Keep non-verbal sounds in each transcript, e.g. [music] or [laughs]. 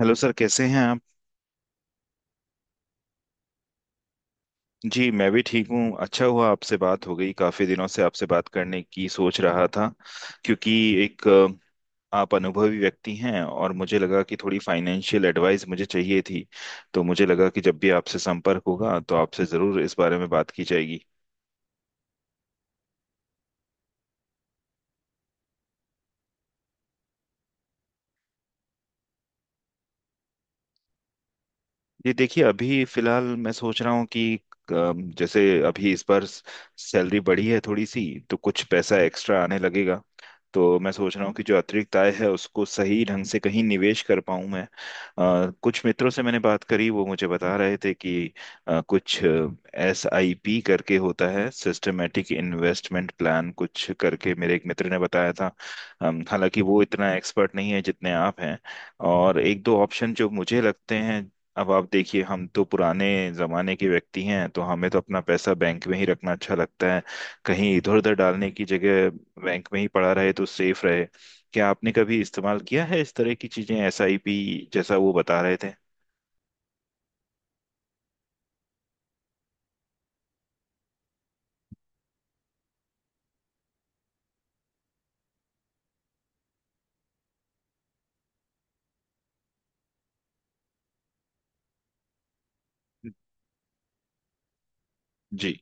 Hello sir कैसे हैं आप। जी मैं भी ठीक हूँ। अच्छा हुआ आपसे बात हो गई, काफी दिनों से आपसे बात करने की सोच रहा था क्योंकि एक अ, आप अनुभवी व्यक्ति हैं और मुझे लगा कि थोड़ी फाइनेंशियल एडवाइस मुझे चाहिए थी। तो मुझे लगा कि जब भी आपसे संपर्क होगा तो आपसे जरूर इस बारे में बात की जाएगी। ये देखिए, अभी फिलहाल मैं सोच रहा हूँ कि जैसे अभी इस बार सैलरी बढ़ी है थोड़ी सी, तो कुछ पैसा एक्स्ट्रा आने लगेगा। तो मैं सोच रहा हूँ कि जो अतिरिक्त आय है उसको सही ढंग से कहीं निवेश कर पाऊँ मैं। कुछ मित्रों से मैंने बात करी, वो मुझे बता रहे थे कि कुछ SIP करके होता है, सिस्टमेटिक इन्वेस्टमेंट प्लान कुछ करके मेरे एक मित्र ने बताया था। हालांकि वो इतना एक्सपर्ट नहीं है जितने आप हैं। और एक दो ऑप्शन जो मुझे लगते हैं, अब आप देखिए हम तो पुराने जमाने के व्यक्ति हैं, तो हमें तो अपना पैसा बैंक में ही रखना अच्छा लगता है। कहीं इधर उधर डालने की जगह बैंक में ही पड़ा रहे तो सेफ रहे। क्या आपने कभी इस्तेमाल किया है इस तरह की चीजें, SIP जैसा वो बता रहे थे। जी।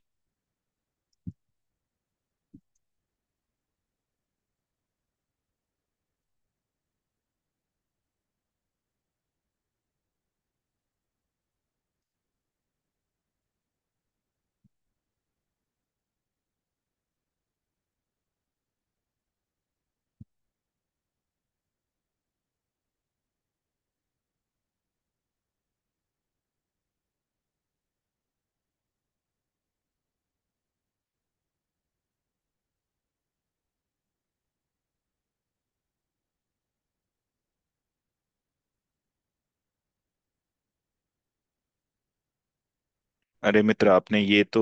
अरे मित्र, आपने ये तो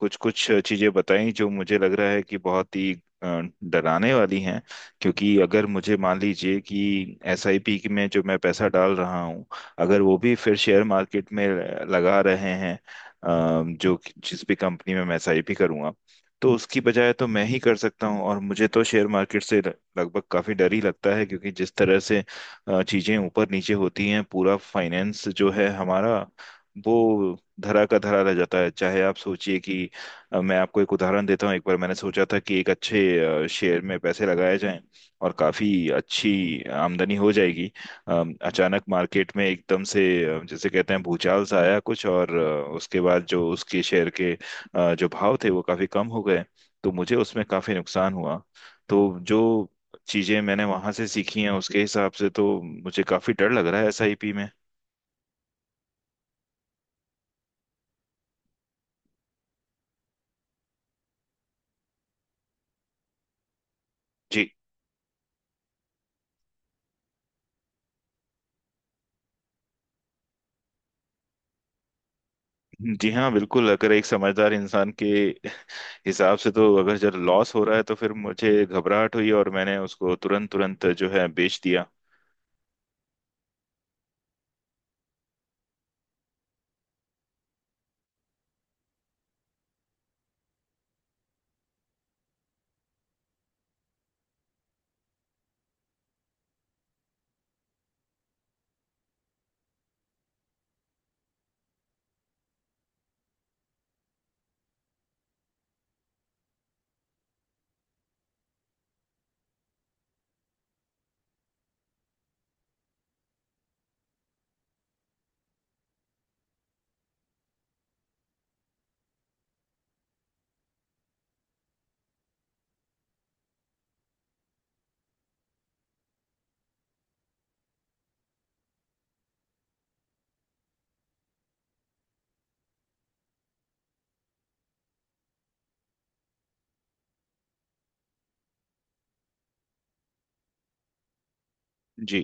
कुछ कुछ चीजें बताई जो मुझे लग रहा है कि बहुत ही अ, डराने वाली हैं। क्योंकि अगर मुझे मान लीजिए कि एसआईपी में जो मैं पैसा डाल रहा हूँ, अगर वो भी फिर शेयर मार्केट में लगा रहे हैं जो जिस भी कंपनी में मैं SIP करूँगा, तो उसकी बजाय तो मैं ही कर सकता हूँ। और मुझे तो शेयर मार्केट से लगभग काफी डर ही लगता है क्योंकि जिस तरह से चीजें ऊपर नीचे होती हैं, पूरा फाइनेंस जो है हमारा वो धरा का धरा रह जाता है। चाहे आप सोचिए कि अब मैं आपको एक उदाहरण देता हूँ, एक बार मैंने सोचा था कि एक अच्छे शेयर में पैसे लगाए जाएं और काफी अच्छी आमदनी हो जाएगी। अचानक मार्केट में एकदम से जैसे कहते हैं भूचाल सा आया कुछ, और उसके बाद जो उसके शेयर के जो भाव थे वो काफी कम हो गए। तो मुझे उसमें काफी नुकसान हुआ। तो जो चीजें मैंने वहां से सीखी हैं उसके हिसाब से तो मुझे काफी डर लग रहा है SIP में। जी। जी हाँ बिल्कुल, अगर एक समझदार इंसान के [laughs] हिसाब से तो, अगर जब लॉस हो रहा है तो फिर मुझे घबराहट हुई और मैंने उसको तुरंत तुरंत जो है बेच दिया। जी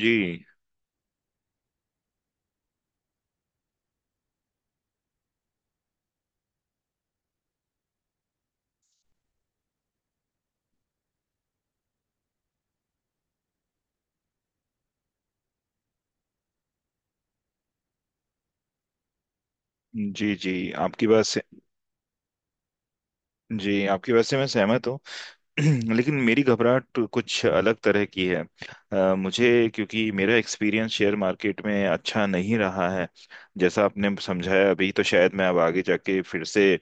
जी। जी आपकी बात से, जी आपकी बात से मैं सहमत हूँ। [clears throat] लेकिन मेरी घबराहट कुछ अलग तरह की है। अ, मुझे क्योंकि मेरा एक्सपीरियंस शेयर मार्केट में अच्छा नहीं रहा है। जैसा आपने समझाया अभी, तो शायद मैं अब आगे जाके फिर से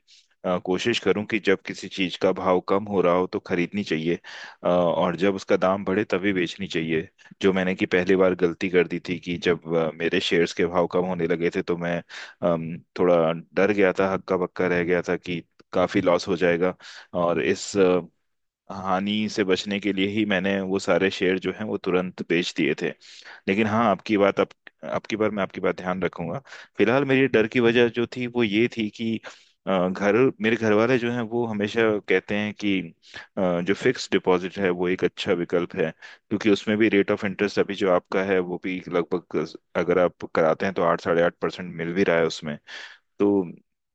कोशिश करूं कि जब किसी चीज का भाव कम हो रहा हो तो खरीदनी चाहिए, और जब उसका दाम बढ़े तभी बेचनी चाहिए। जो मैंने कि पहली बार गलती कर दी थी कि जब मेरे शेयर्स के भाव कम होने लगे थे तो मैं थोड़ा डर गया था, हक्का बक्का रह गया था कि काफी लॉस हो जाएगा। और इस हानि से बचने के लिए ही मैंने वो सारे शेयर जो हैं वो तुरंत बेच दिए थे। लेकिन हाँ, आपकी बात आप आपकी बार मैं आपकी बात ध्यान रखूंगा। फिलहाल मेरी डर की वजह जो थी वो ये थी कि अ, घर मेरे घर वाले जो हैं वो हमेशा कहते हैं कि जो फिक्स डिपॉजिट है वो एक अच्छा विकल्प है। क्योंकि उसमें भी रेट ऑफ इंटरेस्ट अभी जो आपका है वो भी लगभग, अगर आप कराते हैं तो 8 साढ़े 8% मिल भी रहा है उसमें। तो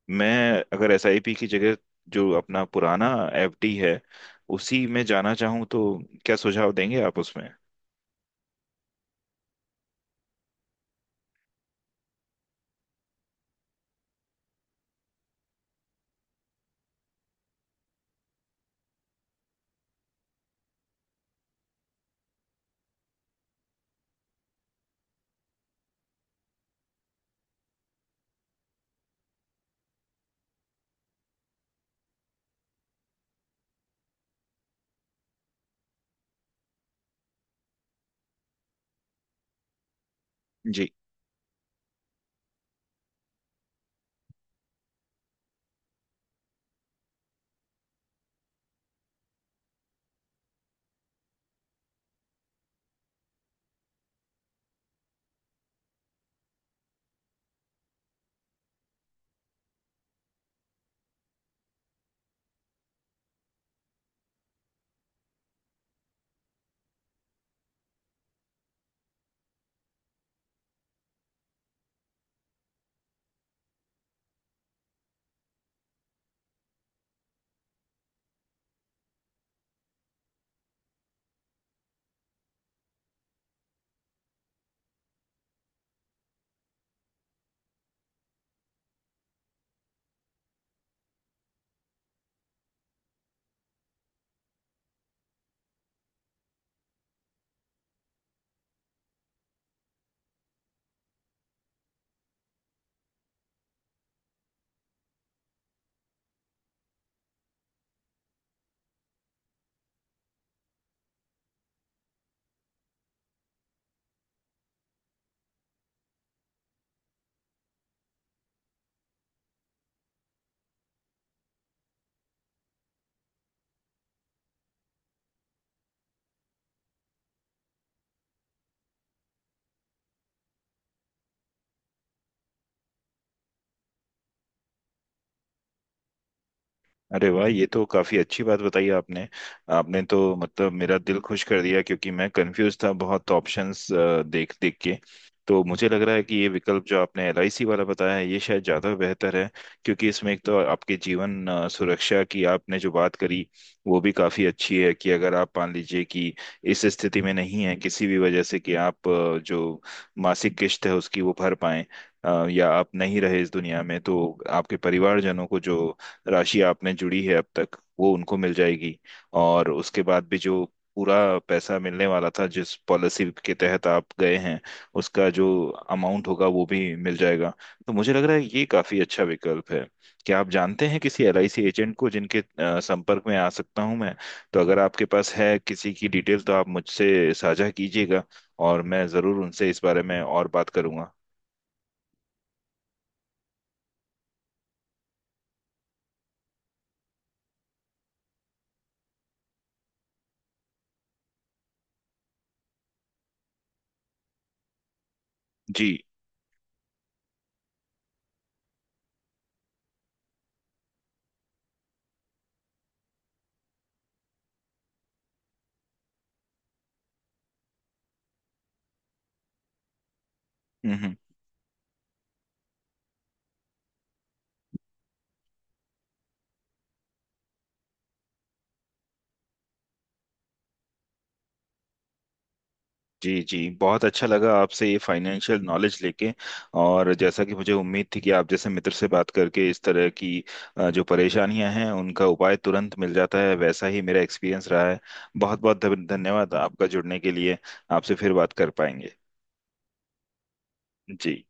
मैं अगर SIP की जगह जो अपना पुराना FD है उसी में जाना चाहूँ, तो क्या सुझाव देंगे आप उसमें। जी। अरे वाह, ये तो काफी अच्छी बात बताई आपने। आपने तो मतलब मेरा दिल खुश कर दिया, क्योंकि मैं कंफ्यूज था बहुत ऑप्शंस देख देख के। तो मुझे लग रहा है कि ये विकल्प जो आपने LIC वाला बताया है ये शायद ज्यादा बेहतर है। क्योंकि इसमें एक तो आपके जीवन सुरक्षा की आपने जो बात करी वो भी काफी अच्छी है कि अगर आप मान लीजिए कि इस स्थिति में नहीं है किसी भी वजह से कि आप जो मासिक किस्त है उसकी वो भर पाएं, या आप नहीं रहे इस दुनिया में, तो आपके परिवारजनों को जो राशि आप में जुड़ी है अब तक वो उनको मिल जाएगी। और उसके बाद भी जो पूरा पैसा मिलने वाला था जिस पॉलिसी के तहत आप गए हैं, उसका जो अमाउंट होगा वो भी मिल जाएगा। तो मुझे लग रहा है ये काफी अच्छा विकल्प है। क्या आप जानते हैं किसी LIC एजेंट को जिनके संपर्क में आ सकता हूं मैं। तो अगर आपके पास है किसी की डिटेल तो आप मुझसे साझा कीजिएगा, और मैं जरूर उनसे इस बारे में और बात करूंगा। जी। हम्म हम्म। जी बहुत अच्छा लगा आपसे ये फाइनेंशियल नॉलेज लेके। और जैसा कि मुझे उम्मीद थी कि आप जैसे मित्र से बात करके इस तरह की जो परेशानियां हैं उनका उपाय तुरंत मिल जाता है, वैसा ही मेरा एक्सपीरियंस रहा है। बहुत बहुत धन्यवाद आपका जुड़ने के लिए। आपसे फिर बात कर पाएंगे। जी।